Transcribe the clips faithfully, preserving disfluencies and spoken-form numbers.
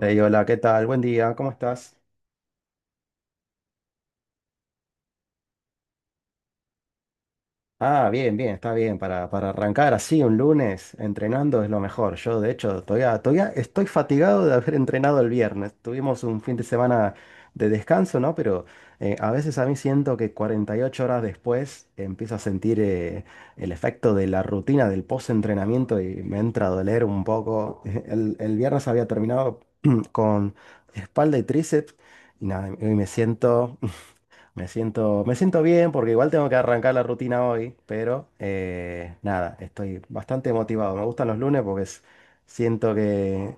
Ey, hola, ¿qué tal? Buen día, ¿cómo estás? Ah, bien, bien, está bien. Para, para arrancar así un lunes entrenando es lo mejor. Yo, de hecho, todavía, todavía estoy fatigado de haber entrenado el viernes. Tuvimos un fin de semana de descanso, ¿no? Pero eh, a veces a mí siento que cuarenta y ocho horas después empiezo a sentir eh, el efecto de la rutina del post-entrenamiento y me entra a doler un poco. El, el viernes había terminado con espalda y tríceps y nada, hoy me siento... Me siento, me siento bien porque igual tengo que arrancar la rutina hoy, pero eh, nada, estoy bastante motivado. Me gustan los lunes porque es- siento que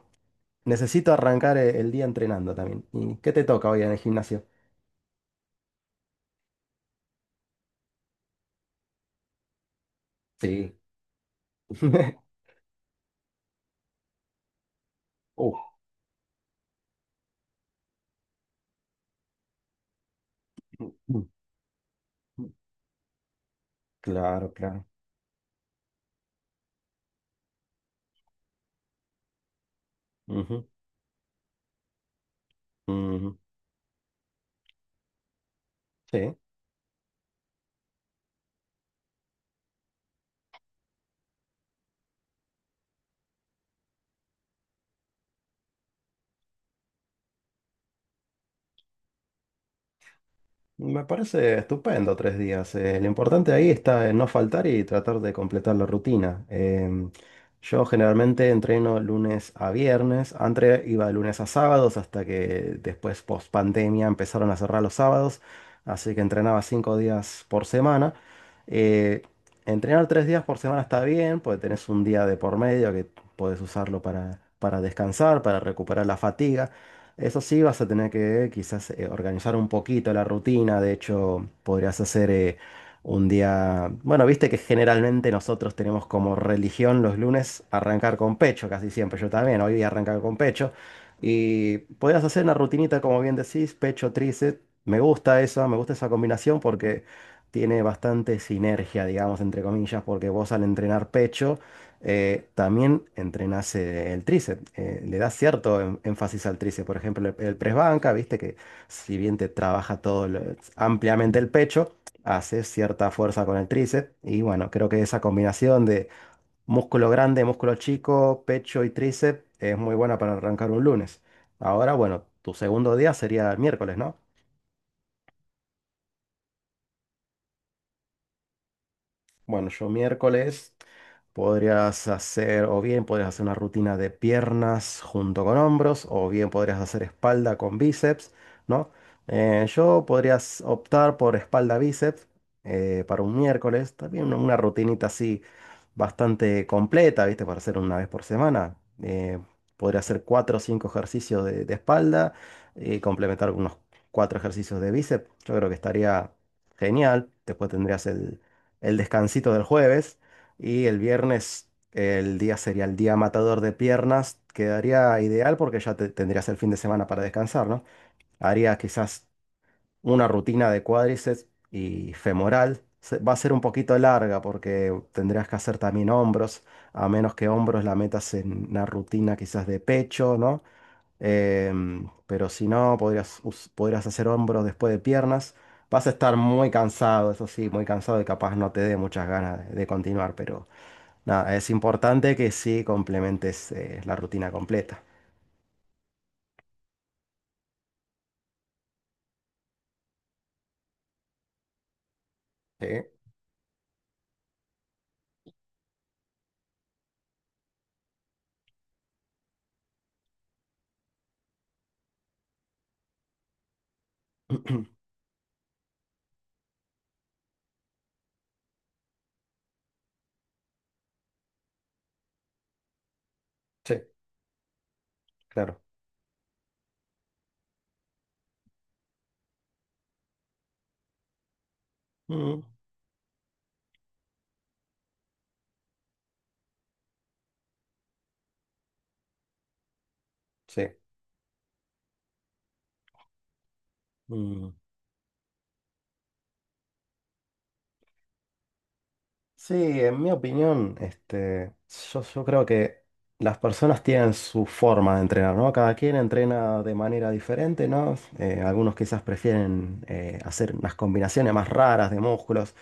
necesito arrancar e- el, día entrenando también. ¿Y qué te toca hoy en el gimnasio? Sí. Uh, Claro, claro. Ujú, ujú. Sí. Me parece estupendo tres días. Eh, lo importante ahí está en no faltar y tratar de completar la rutina. Em, yo generalmente entreno lunes a viernes. Antes iba de lunes a sábados hasta que después, post pandemia, empezaron a cerrar los sábados. Así que entrenaba cinco días por semana. Eh, entrenar tres días por semana está bien, porque tenés un día de por medio que podés usarlo para, para descansar, para recuperar la fatiga. Eso sí, vas a tener que quizás eh, organizar un poquito la rutina. De hecho, podrías hacer eh, un día. Bueno, viste que generalmente nosotros tenemos como religión los lunes arrancar con pecho, casi siempre. Yo también, hoy voy a arrancar con pecho. Y podrías hacer una rutinita, como bien decís, pecho, tríceps. Me gusta eso, me gusta esa combinación porque tiene bastante sinergia, digamos, entre comillas, porque vos al entrenar pecho eh, también entrenas eh, el tríceps, eh, le das cierto en- énfasis al tríceps. Por ejemplo, el, el press banca, viste que si bien te trabaja todo lo- ampliamente el pecho, haces cierta fuerza con el tríceps. Y bueno, creo que esa combinación de músculo grande, músculo chico, pecho y tríceps es muy buena para arrancar un lunes. Ahora, bueno, tu segundo día sería el miércoles, ¿no? Bueno, yo miércoles podrías hacer, o bien podrías hacer una rutina de piernas junto con hombros, o bien podrías hacer espalda con bíceps, ¿no? Eh, yo podrías optar por espalda-bíceps eh, para un miércoles, también una, una rutinita así bastante completa, ¿viste? Para hacer una vez por semana. Eh, podría hacer cuatro o cinco ejercicios de, de espalda y complementar unos cuatro ejercicios de bíceps. Yo creo que estaría genial. Después tendrías el el descansito del jueves y el viernes el día sería el día matador de piernas. Quedaría ideal porque ya te- tendrías el fin de semana para descansar, ¿no? Haría quizás una rutina de cuádriceps y femoral. Se- Va a ser un poquito larga porque tendrías que hacer también hombros, a menos que hombros la metas en una rutina quizás de pecho, ¿no? Em, pero si no, podrías, us- podrías hacer hombros después de piernas. Vas a estar muy cansado, eso sí, muy cansado y capaz no te dé muchas ganas de, de continuar, pero nada, es importante que sí complementes eh, la rutina completa. Sí, sí, claro. Mm, sí. Mm. Sí, en mi opinión, este, yo, yo creo que las personas tienen su forma de entrenar, ¿no? Cada quien entrena de manera diferente, ¿no? Eh, algunos quizás prefieren eh, hacer unas combinaciones más raras de músculos.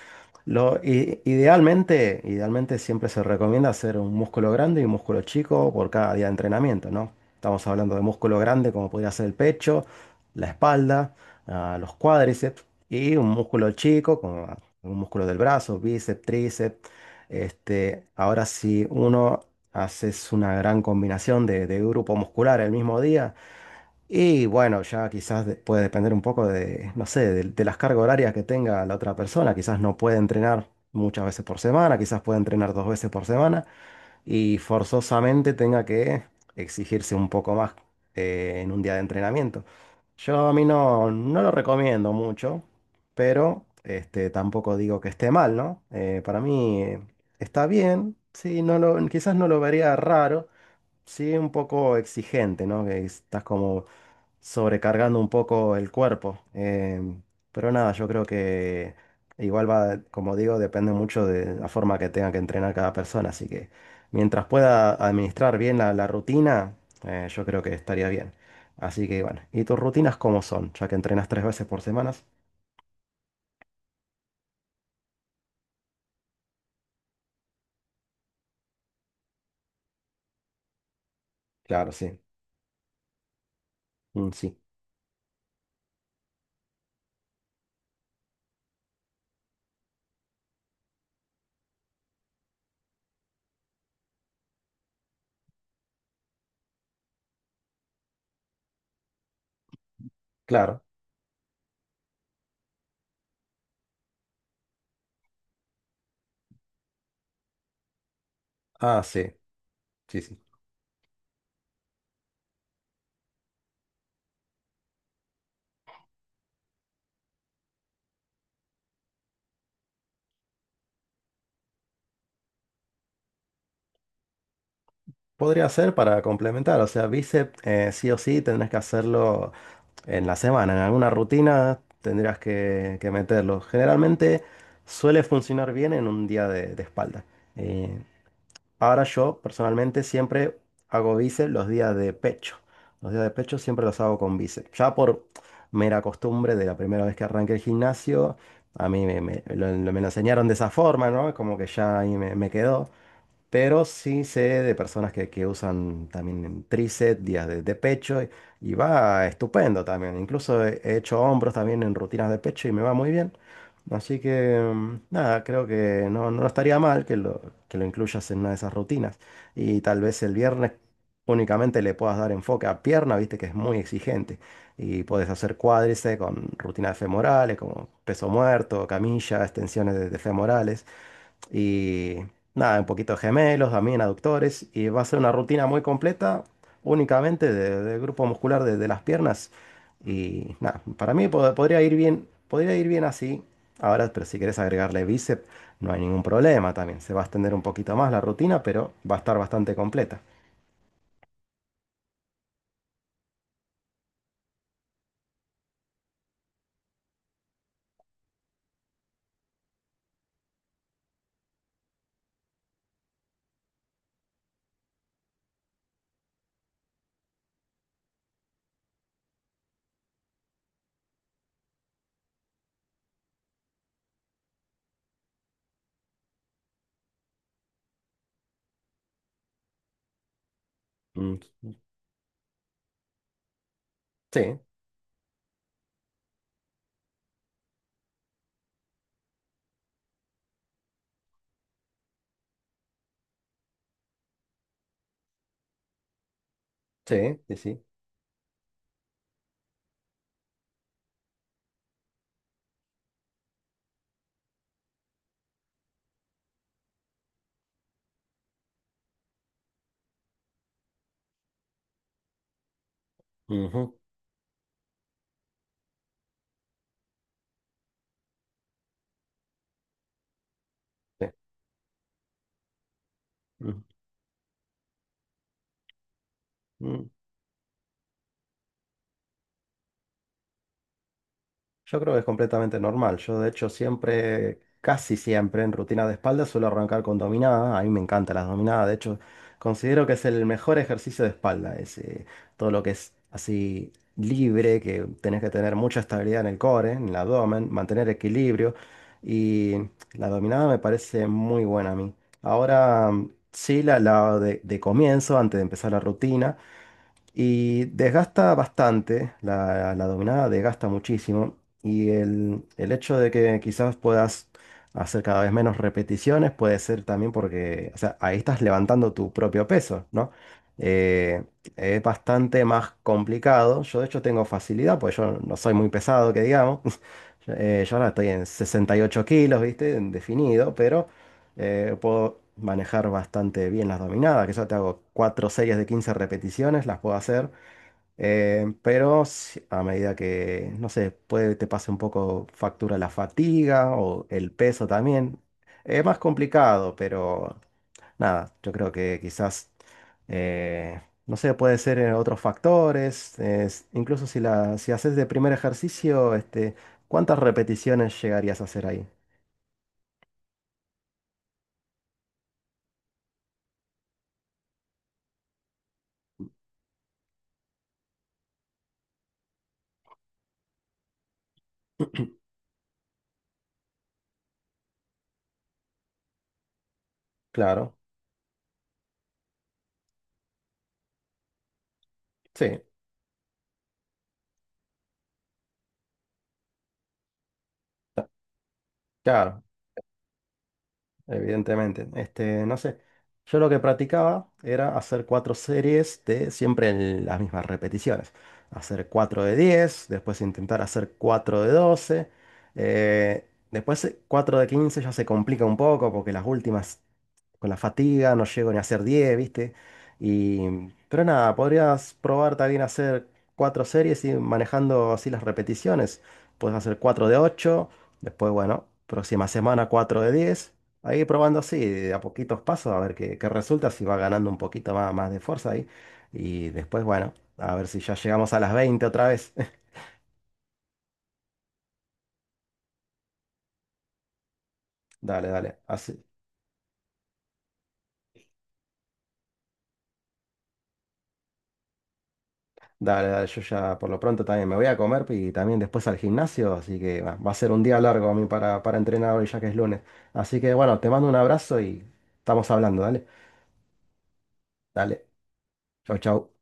Lo, i- idealmente, idealmente siempre se recomienda hacer un músculo grande y un músculo chico por cada día de entrenamiento, ¿no? Estamos hablando de músculo grande como podría ser el pecho, la espalda, ah, los cuádriceps y un músculo chico como ah, un músculo del brazo, bíceps, tríceps. Este, ahora si uno haces una gran combinación de, de grupo muscular el mismo día, y bueno, ya quizás de- puede depender un poco de, no sé, de, de las cargas horarias que tenga la otra persona. Quizás no puede entrenar muchas veces por semana, quizás puede entrenar dos veces por semana y forzosamente tenga que exigirse un poco más eh, en un día de entrenamiento. Yo a mí no, no lo recomiendo mucho, pero este, tampoco digo que esté mal, ¿no? Eh, para mí eh, está bien, sí, no lo, quizás no lo vería raro, sí, un poco exigente, ¿no? Que estás como sobrecargando un poco el cuerpo. Em, pero nada, yo creo que igual va, como digo, depende mucho de la forma que tenga que entrenar cada persona. Así que mientras pueda administrar bien la, la rutina, eh, yo creo que estaría bien. Así que bueno, ¿y tus rutinas cómo son? Ya que entrenas tres veces por semana. Claro, sí. Mm, sí, claro. Ah, sí. Sí, sí. Podría ser para complementar, o sea, bíceps eh, sí o sí tendrás que hacerlo en la semana, en alguna rutina tendrías que, que meterlo. Generalmente suele funcionar bien en un día de, de espalda. Eh, ahora yo personalmente siempre hago bíceps los días de pecho. Los días de pecho siempre los hago con bíceps. Ya por mera costumbre de la primera vez que arranqué el gimnasio, a mí me, me- lo, lo- me lo enseñaron de esa forma, ¿no? Como que ya ahí me me quedó. Pero sí sé de personas que, que usan también tríceps, días de, de pecho y, y va estupendo también. Incluso he, he hecho hombros también en rutinas de pecho y me va muy bien. Así que mm, nada, creo que no, no estaría mal que lo, que lo incluyas en una de esas rutinas. Y tal vez el viernes únicamente le puedas dar enfoque a pierna, viste que es muy exigente. Y puedes hacer cuádriceps con rutinas femorales como peso muerto, camilla, extensiones de de femorales. Y nada, un poquito de gemelos, también aductores. Y va a ser una rutina muy completa, únicamente de, de grupo muscular de, de las piernas. Y nada, para mí pod- podría ir bien, podría ir bien así. Ahora, pero si quieres agregarle bíceps, no hay ningún problema también. Se va a extender un poquito más la rutina, pero va a estar bastante completa. Mm, sí, sí, sí, sí. Ujú, sí. Ujú, mm. Yo creo que es completamente normal. Yo, de hecho, siempre, casi siempre, en rutina de espalda suelo arrancar con dominada. A mí me encantan las dominadas. De hecho, considero que es el mejor ejercicio de espalda. Es, eh, todo lo que es así libre, que tenés que tener mucha estabilidad en el core, en el abdomen, mantener equilibrio. Y la dominada me parece muy buena a mí. Ahora, mm, sí, la, la de de comienzo, antes de empezar la rutina. Y desgasta bastante, la, la dominada desgasta muchísimo. Y el, el hecho de que quizás puedas hacer cada vez menos repeticiones puede ser también porque, o sea, ahí estás levantando tu propio peso, ¿no? Eh, es bastante más complicado. Yo de hecho tengo facilidad, pues yo no soy muy pesado, que digamos. Eh, yo ahora estoy en sesenta y ocho kilos, ¿viste? En Definido, pero eh, puedo manejar bastante bien las dominadas, que yo te hago cuatro series de quince repeticiones, las puedo hacer, eh, pero si- a medida que, no sé, puede te pase un poco factura la fatiga o el peso también. Es más complicado, pero nada, yo creo que quizás, eh, no sé, puede ser eh, otros factores, es- incluso si, la, si haces de primer ejercicio, este, ¿cuántas repeticiones llegarías a hacer ahí? Claro, sí, claro. Evidentemente, este, no sé. Yo lo que practicaba era hacer cuatro series de siempre en las mismas repeticiones. Hacer cuatro de diez, después intentar hacer cuatro de doce, eh, después eh, cuatro de quince ya se complica un poco porque las últimas con la fatiga, no llego ni a hacer diez, ¿viste? Y, pero nada, podrías probar también hacer cuatro series y manejando así las repeticiones. Puedes hacer cuatro de ocho, después, bueno, próxima semana cuatro de diez. Ahí probando así, de a poquitos pasos, a ver qué, qué resulta, si va ganando un poquito más, más de fuerza ahí. Y después, bueno, a ver si ya llegamos a las veinte otra vez. Dale, dale. Así. Dale, dale, yo ya por lo pronto también me voy a comer y también después al gimnasio, así que va, va a ser un día largo a mí para, para entrenar hoy ya que es lunes. Así que bueno, te mando un abrazo y estamos hablando, dale. Dale, chau, chau.